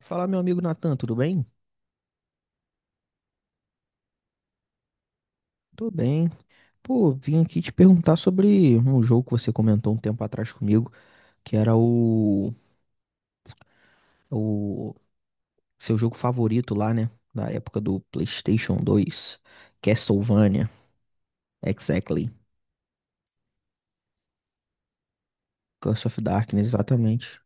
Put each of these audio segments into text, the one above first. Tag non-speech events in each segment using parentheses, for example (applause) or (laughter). Fala, meu amigo Natan, tudo bem? Tô bem. Pô, vim aqui te perguntar sobre um jogo que você comentou um tempo atrás comigo, que era o seu jogo favorito lá, né? Da época do PlayStation 2, Castlevania, exactly. Curse of Darkness, exatamente.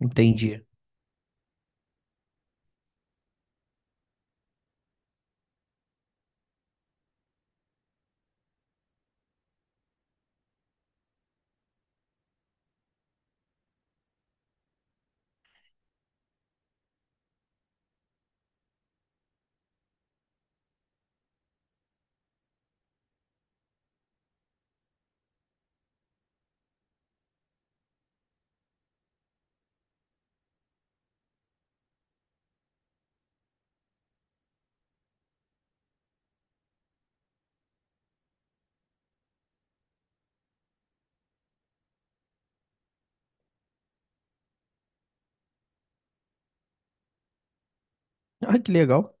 Entendi. (laughs) Ah, que legal.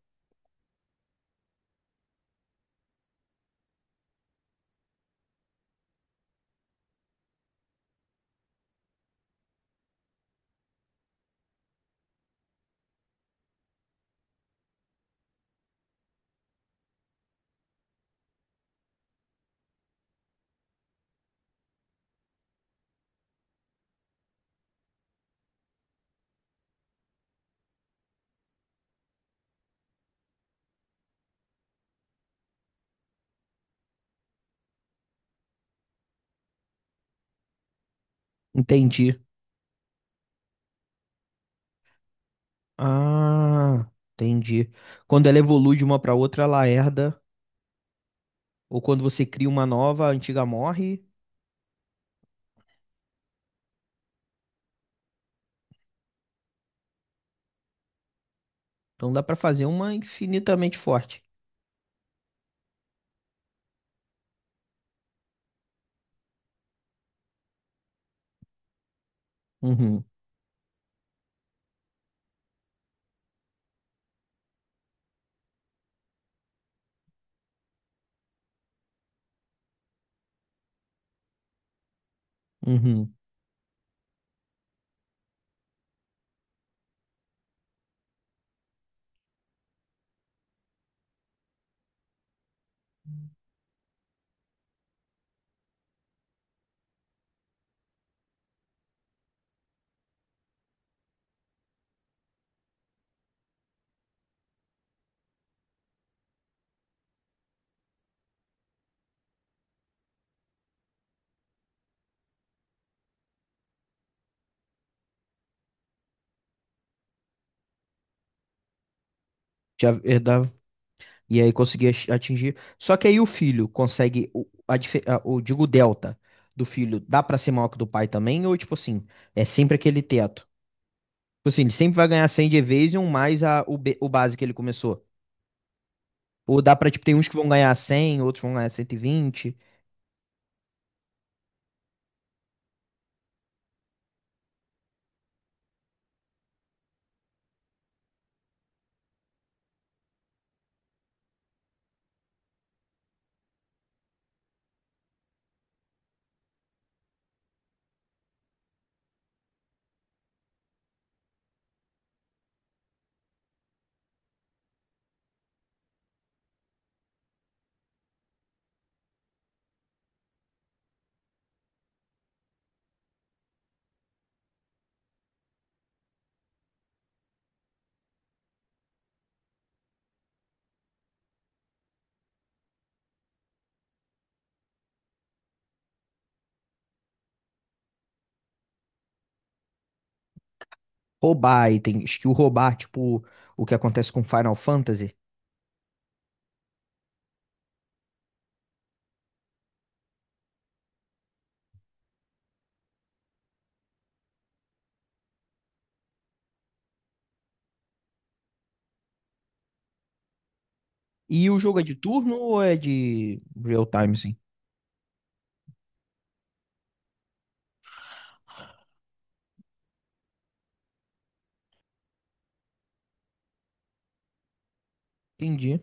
Entendi. Ah, entendi. Quando ela evolui de uma pra outra, ela herda, ou quando você cria uma nova, a antiga morre. Então dá pra fazer uma infinitamente forte. Uhum, uhum. Já herdava. E aí conseguia atingir. Só que aí o filho consegue. O, a, dife- a- o, digo, o delta do filho dá pra ser maior que o do pai também? Ou, tipo assim, é sempre aquele teto? Tipo assim, ele sempre vai ganhar 100 de Evasion mais o base que ele começou. Ou dá pra, tipo, tem uns que vão ganhar cem, outros vão ganhar cento e vinte. Roubar, e tem skill roubar, tipo, o que acontece com Final Fantasy. E o jogo é de turno ou é de real time, assim? Entendi.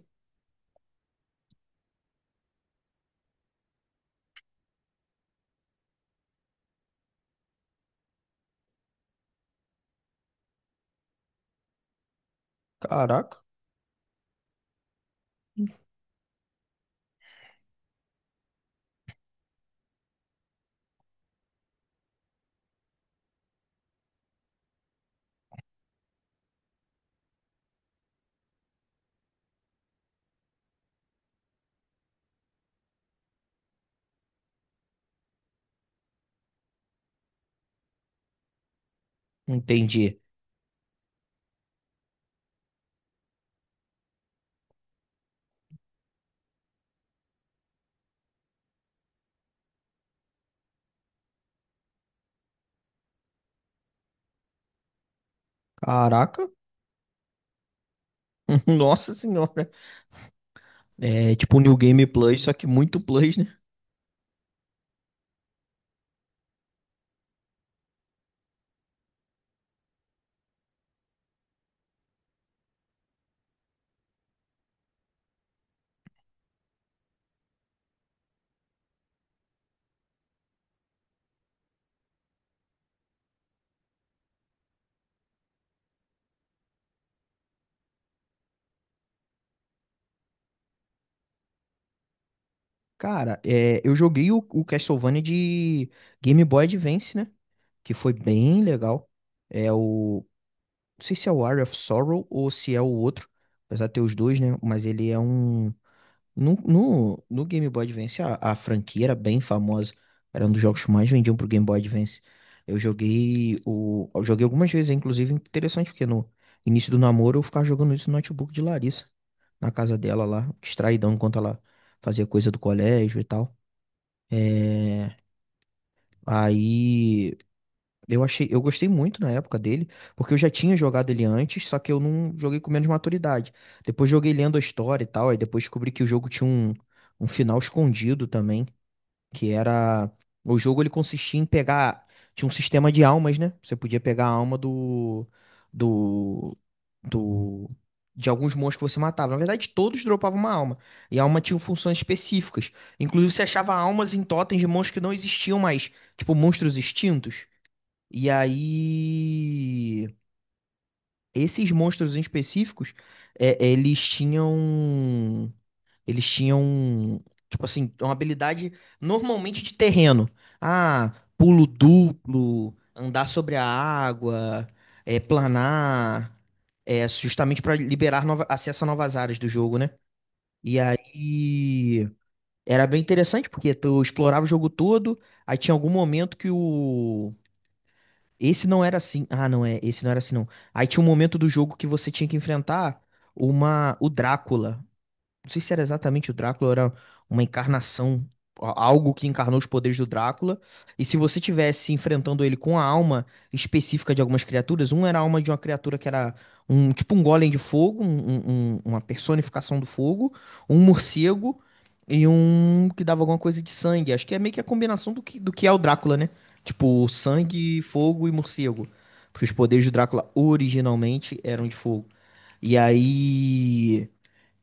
Caraca. Entendi. Caraca. (laughs) Nossa senhora. É tipo New Game Plus, só que muito Plus, né? Cara, é, eu joguei o Castlevania de Game Boy Advance, né? Que foi bem legal. É o. Não sei se é o Area of Sorrow ou se é o outro. Apesar de ter os dois, né? Mas ele é um. No Game Boy Advance, a franquia era bem famosa. Era um dos jogos que mais vendiam pro Game Boy Advance. Eu joguei o. Eu joguei algumas vezes, é, inclusive, interessante, porque no início do namoro eu ficava jogando isso no notebook de Larissa, na casa dela lá, distraidão enquanto ela fazia coisa do colégio e tal. É, aí eu achei, eu gostei muito na época dele, porque eu já tinha jogado ele antes, só que eu não joguei com menos maturidade. Depois joguei lendo a história e tal, aí depois descobri que o jogo tinha um, um final escondido também, que era o jogo. Ele consistia em pegar. Tinha um sistema de almas, né? Você podia pegar a alma do do de alguns monstros que você matava. Na verdade, todos dropavam uma alma. E a alma tinha funções específicas. Inclusive, você achava almas em totens de monstros que não existiam mais, tipo monstros extintos. E aí esses monstros em específicos, é, eles tinham, tipo assim, uma habilidade normalmente de terreno. Ah, pulo duplo, andar sobre a água, é, planar, é, justamente para liberar acesso a novas áreas do jogo, né? E aí era bem interessante porque tu explorava o jogo todo, aí tinha algum momento que o esse não era assim. Ah, não é, esse não era assim não. Aí tinha um momento do jogo que você tinha que enfrentar uma o Drácula. Não sei se era exatamente o Drácula, ou era uma encarnação, algo que encarnou os poderes do Drácula. E se você tivesse enfrentando ele com a alma específica de algumas criaturas, um era a alma de uma criatura que era um tipo um golem de fogo, uma personificação do fogo, um morcego, e um que dava alguma coisa de sangue. Acho que é meio que a combinação do que é o Drácula, né? Tipo, sangue, fogo e morcego. Porque os poderes do Drácula originalmente eram de fogo. E aí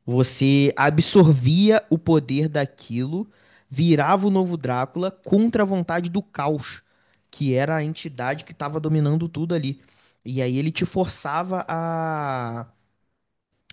você absorvia o poder daquilo, virava o novo Drácula contra a vontade do caos, que era a entidade que estava dominando tudo ali. E aí ele te forçava a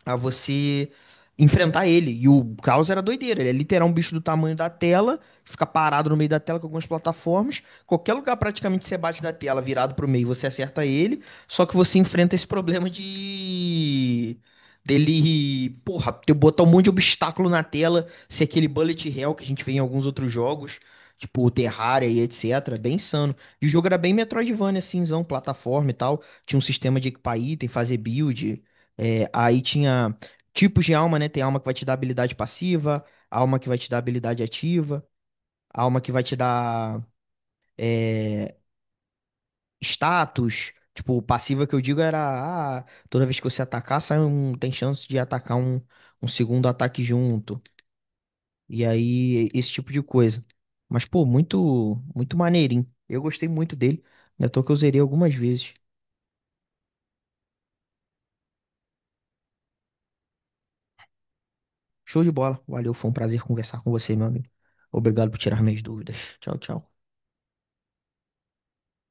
a você enfrentar ele. E o caos era doideira. Ele é literal um bicho do tamanho da tela, fica parado no meio da tela com algumas plataformas. Qualquer lugar praticamente você bate da tela, virado pro meio, você acerta ele. Só que você enfrenta esse problema de. Dele, porra, ter botar um monte de obstáculo na tela, ser aquele bullet hell que a gente vê em alguns outros jogos, tipo o Terraria e etc. Bem insano. E o jogo era bem Metroidvania, cinzão, plataforma e tal. Tinha um sistema de equipar item, fazer build. É, aí tinha tipos de alma, né? Tem alma que vai te dar habilidade passiva, alma que vai te dar habilidade ativa, alma que vai te dar é, status. Tipo, passiva que eu digo era, ah, toda vez que você atacar, sai um, tem chance de atacar um, um segundo ataque junto. E aí, esse tipo de coisa. Mas, pô, muito, muito maneirinho. Eu gostei muito dele. Ainda tô que eu zerei algumas vezes. Show de bola. Valeu, foi um prazer conversar com você, meu amigo. Obrigado por tirar minhas dúvidas. Tchau, tchau.